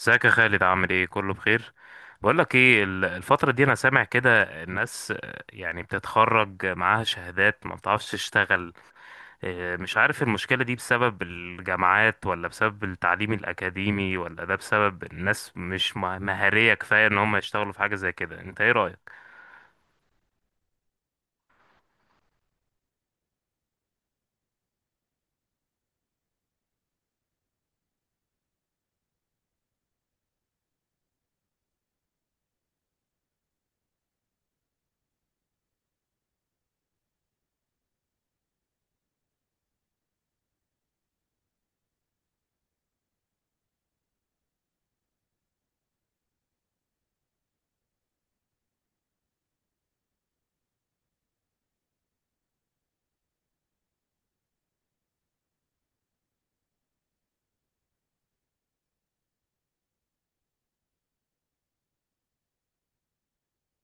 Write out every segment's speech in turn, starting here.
ازيك يا خالد؟ عامل ايه؟ كله بخير؟ بقول لك ايه، الفتره دي انا سامع كده الناس، يعني بتتخرج معاها شهادات ما بتعرفش تشتغل. مش عارف المشكله دي بسبب الجامعات، ولا بسبب التعليم الاكاديمي، ولا ده بسبب الناس مش مهاريه كفايه ان هم يشتغلوا في حاجه زي كده. انت ايه رايك؟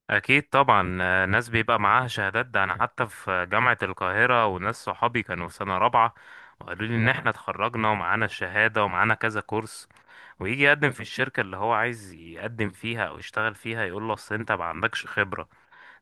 أكيد طبعا، ناس بيبقى معاها شهادات. ده أنا حتى في جامعة القاهرة، وناس صحابي كانوا في سنة رابعة وقالوا لي إن إحنا اتخرجنا ومعانا الشهادة ومعانا كذا كورس، ويجي يقدم في الشركة اللي هو عايز يقدم فيها أو يشتغل فيها، يقول له أصل أنت ما عندكش خبرة.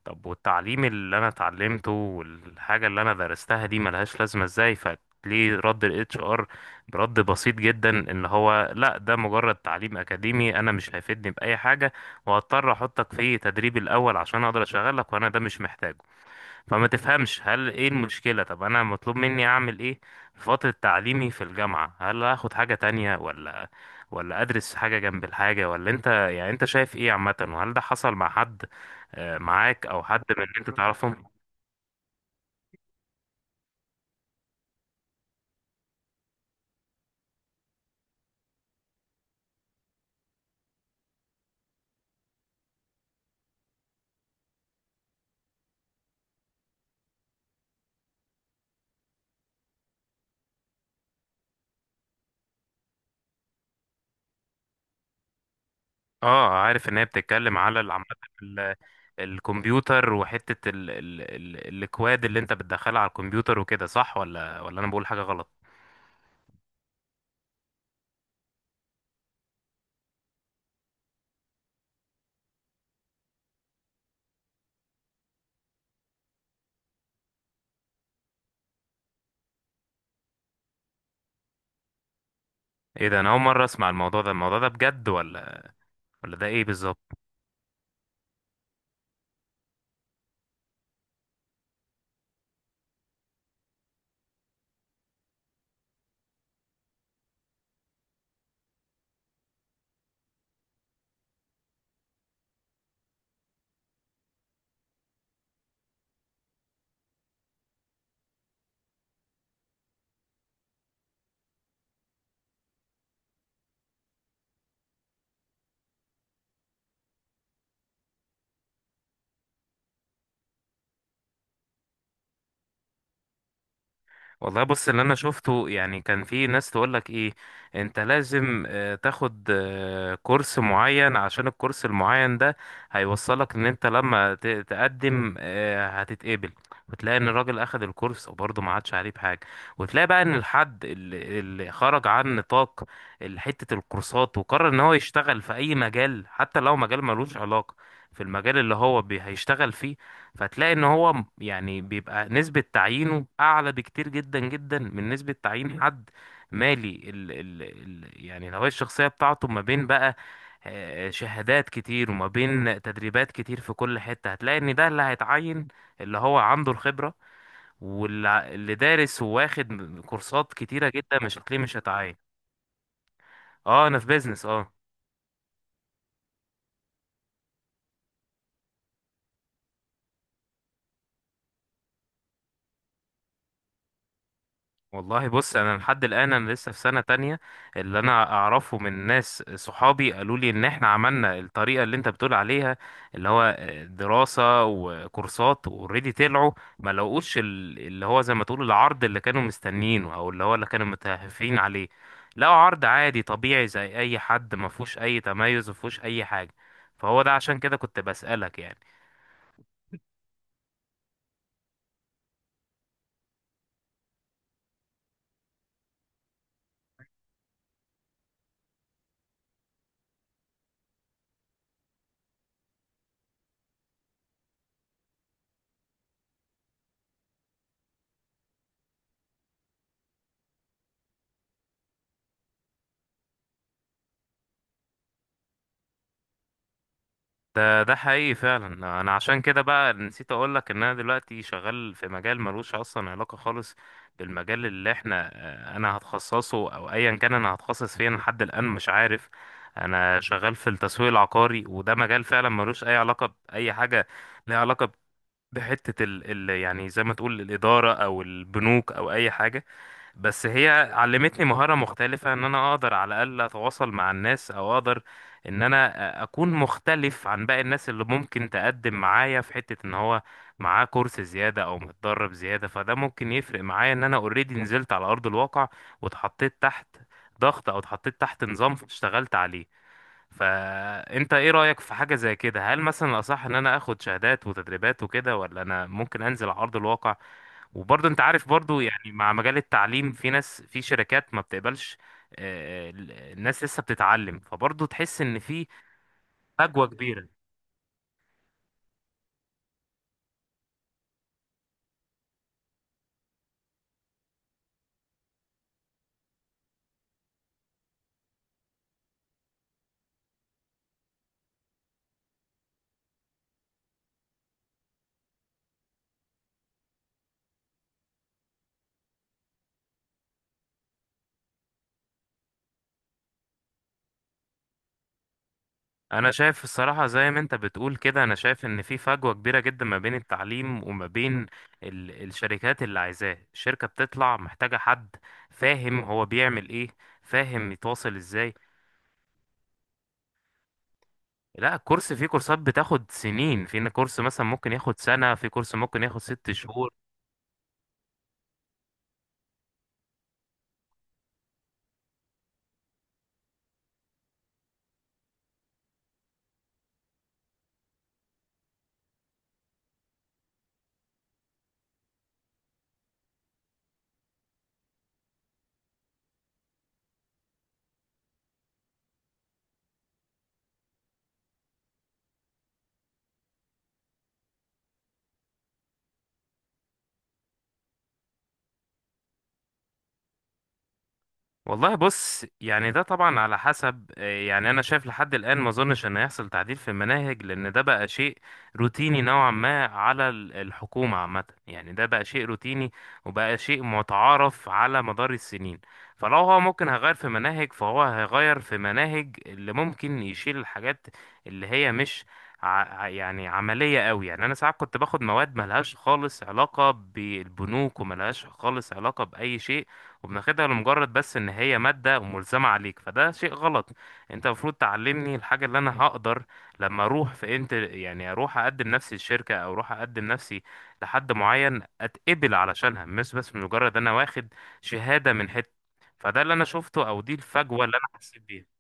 طب والتعليم اللي انا اتعلمته والحاجه اللي انا درستها دي ملهاش لازمه ازاي؟ فليه رد الاتش ار برد بسيط جدا ان هو لا، ده مجرد تعليم اكاديمي انا مش هيفيدني باي حاجه، وهضطر احطك في تدريب الاول عشان اقدر اشغلك وانا ده مش محتاجه. فما تفهمش هل ايه المشكلة. طب انا مطلوب مني اعمل ايه في فترة تعليمي في الجامعة؟ هل اخد حاجة تانية، ولا ادرس حاجة جنب الحاجة؟ ولا انت يعني انت شايف ايه عامة؟ وهل ده حصل مع حد؟ معاك او حد من اللي انت تعرفهم. اه عارف ان هي بتتكلم على عامة ال- الكمبيوتر، وحتة ال ال ال الاكواد اللي انت بتدخلها على الكمبيوتر وكده، صح ولا انا بقول حاجة غلط؟ ايه ده، انا اول مرة اسمع الموضوع ده. الموضوع ده بجد ولا ده ايه بالظبط؟ والله بص، اللي انا شفته يعني كان في ناس تقول لك ايه، انت لازم تاخد كورس معين، عشان الكورس المعين ده هيوصلك ان انت لما تقدم، هتتقبل. وتلاقي ان الراجل اخد الكورس وبرضه ما عادش عليه بحاجه. وتلاقي بقى ان الحد اللي خرج عن نطاق حته الكورسات، وقرر ان هو يشتغل في اي مجال حتى لو مجال ملوش علاقه في المجال اللي هو هيشتغل فيه، فتلاقي ان هو يعني بيبقى نسبة تعيينه اعلى بكتير جدا جدا من نسبة تعيين حد مالي ال ال ال يعني الهوية الشخصية بتاعته ما بين بقى شهادات كتير وما بين تدريبات كتير. في كل حتة هتلاقي ان ده اللي هيتعين، اللي هو عنده الخبرة. واللي دارس وواخد كورسات كتيرة جدا مش هتلاقيه، مش هيتعين. اه انا في بيزنس، اه. والله بص، انا لحد الان انا لسه في سنه تانية. اللي انا اعرفه من ناس صحابي، قالوا لي ان احنا عملنا الطريقه اللي انت بتقول عليها، اللي هو دراسه وكورسات. اوريدي طلعوا ما لقوش اللي هو زي ما تقول العرض اللي كانوا مستنيينه، او اللي هو اللي كانوا متهافين عليه. لقوا عرض عادي طبيعي زي اي حد، ما فيهوش اي تميز، ما فيهوش اي حاجه. فهو ده عشان كده كنت بسالك يعني. ده ده حقيقي فعلا. انا عشان كده بقى نسيت اقول لك ان انا دلوقتي شغال في مجال ملوش اصلا علاقه خالص بالمجال اللي احنا، انا هتخصصه او ايا كان انا هتخصص فيه، أنا لحد الان مش عارف. انا شغال في التسويق العقاري، وده مجال فعلا ملوش اي علاقه باي حاجه ليها علاقه بحته ال ال يعني زي ما تقول الاداره او البنوك او اي حاجه. بس هي علمتني مهارة مختلفة، ان انا اقدر على الاقل اتواصل مع الناس، او اقدر ان انا اكون مختلف عن باقي الناس اللي ممكن تقدم معايا في حتة ان هو معاه كورس زيادة او متدرب زيادة. فده ممكن يفرق معايا ان انا اوريدي نزلت على ارض الواقع، واتحطيت تحت ضغط، او اتحطيت تحت نظام اشتغلت عليه. فانت ايه رأيك في حاجة زي كده؟ هل مثلا الأصح ان انا اخد شهادات وتدريبات وكده، ولا انا ممكن انزل على ارض الواقع؟ وبرضه انت عارف برضه يعني مع مجال التعليم في ناس في شركات ما بتقبلش، ال- الناس لسه بتتعلم، فبرضه تحس ان في فجوة كبيرة. انا شايف الصراحة زي ما انت بتقول كده، انا شايف ان في فجوة كبيرة جدا ما بين التعليم وما بين الشركات اللي عايزاه. الشركة بتطلع محتاجة حد فاهم هو بيعمل ايه، فاهم يتواصل ازاي. لا، الكورس، في كورسات بتاخد سنين، في كورس مثلا ممكن ياخد سنة، في كورس ممكن ياخد ست شهور. والله بص، يعني ده طبعا على حسب، يعني انا شايف لحد الان ما اظنش ان هيحصل تعديل في المناهج، لان ده بقى شيء روتيني نوعا ما على الحكومة عامة. يعني ده بقى شيء روتيني، وبقى شيء متعارف على مدار السنين. فلو هو ممكن هيغير في مناهج، فهو هيغير في مناهج اللي ممكن يشيل الحاجات اللي هي مش ع... يعني عملية قوي. يعني انا ساعات كنت باخد مواد ملهاش خالص علاقة بالبنوك، وملهاش خالص علاقة بأي شيء، وبناخدها لمجرد بس ان هي مادة وملزمة عليك. فده شيء غلط. انت المفروض تعلمني الحاجة اللي انا هقدر لما اروح في، انت يعني اروح اقدم نفسي للشركة، او اروح اقدم نفسي لحد معين، اتقبل علشانها، مش بس مجرد انا واخد شهادة من حتة. فده اللي انا شفته، او دي الفجوة اللي انا حسيت بيها.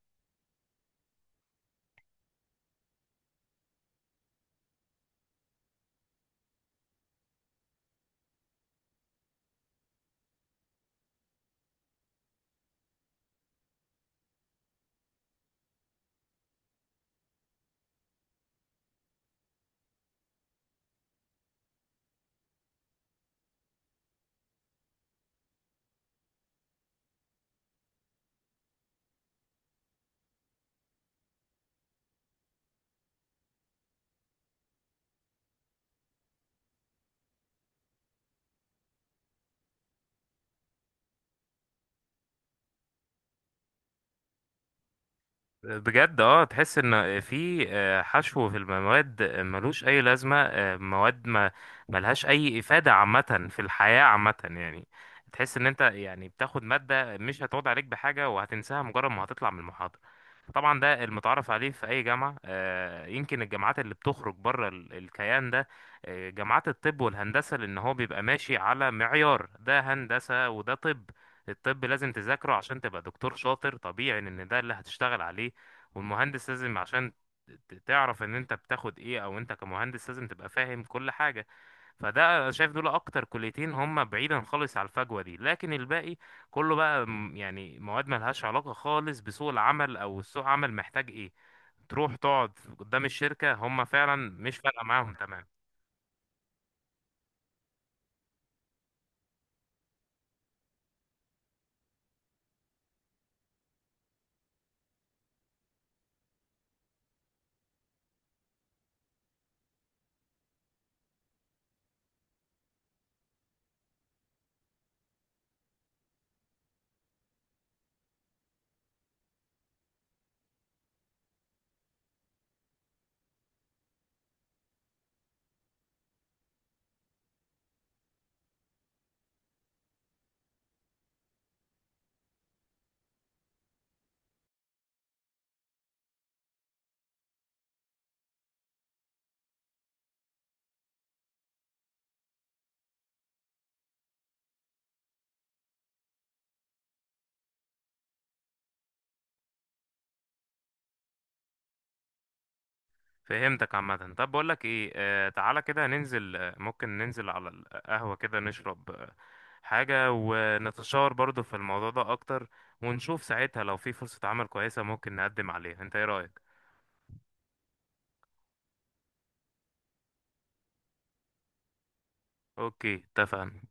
بجد اه، تحس ان في حشو في المواد ملوش اي لازمه، مواد ما ملهاش اي افاده عامه في الحياه عامه يعني. تحس ان انت يعني بتاخد ماده مش هتقعد عليك بحاجه، وهتنساها مجرد ما هتطلع من المحاضره. طبعا ده المتعارف عليه في اي جامعه، يمكن الجامعات اللي بتخرج بره الكيان ده، جامعات الطب والهندسه، لان هو بيبقى ماشي على معيار، ده هندسه وده طب. الطب لازم تذاكره عشان تبقى دكتور شاطر، طبيعي ان ده اللي هتشتغل عليه. والمهندس لازم عشان تعرف ان انت بتاخد ايه، او انت كمهندس لازم تبقى فاهم كل حاجة. فده أنا شايف دول اكتر كليتين هم بعيدا خالص على الفجوة دي. لكن الباقي كله بقى يعني مواد ملهاش علاقة خالص بسوق العمل او سوق العمل محتاج ايه. تروح تقعد قدام الشركة هم فعلا مش فارقة معاهم. تمام، فهمتك عامة. طب بقول لك ايه، آه تعالى كده ننزل، ممكن ننزل على القهوة كده، نشرب حاجة، ونتشاور برضو في الموضوع ده اكتر، ونشوف ساعتها لو في فرصة عمل كويسة ممكن نقدم عليها. انت ايه رأيك؟ اوكي، اتفقنا.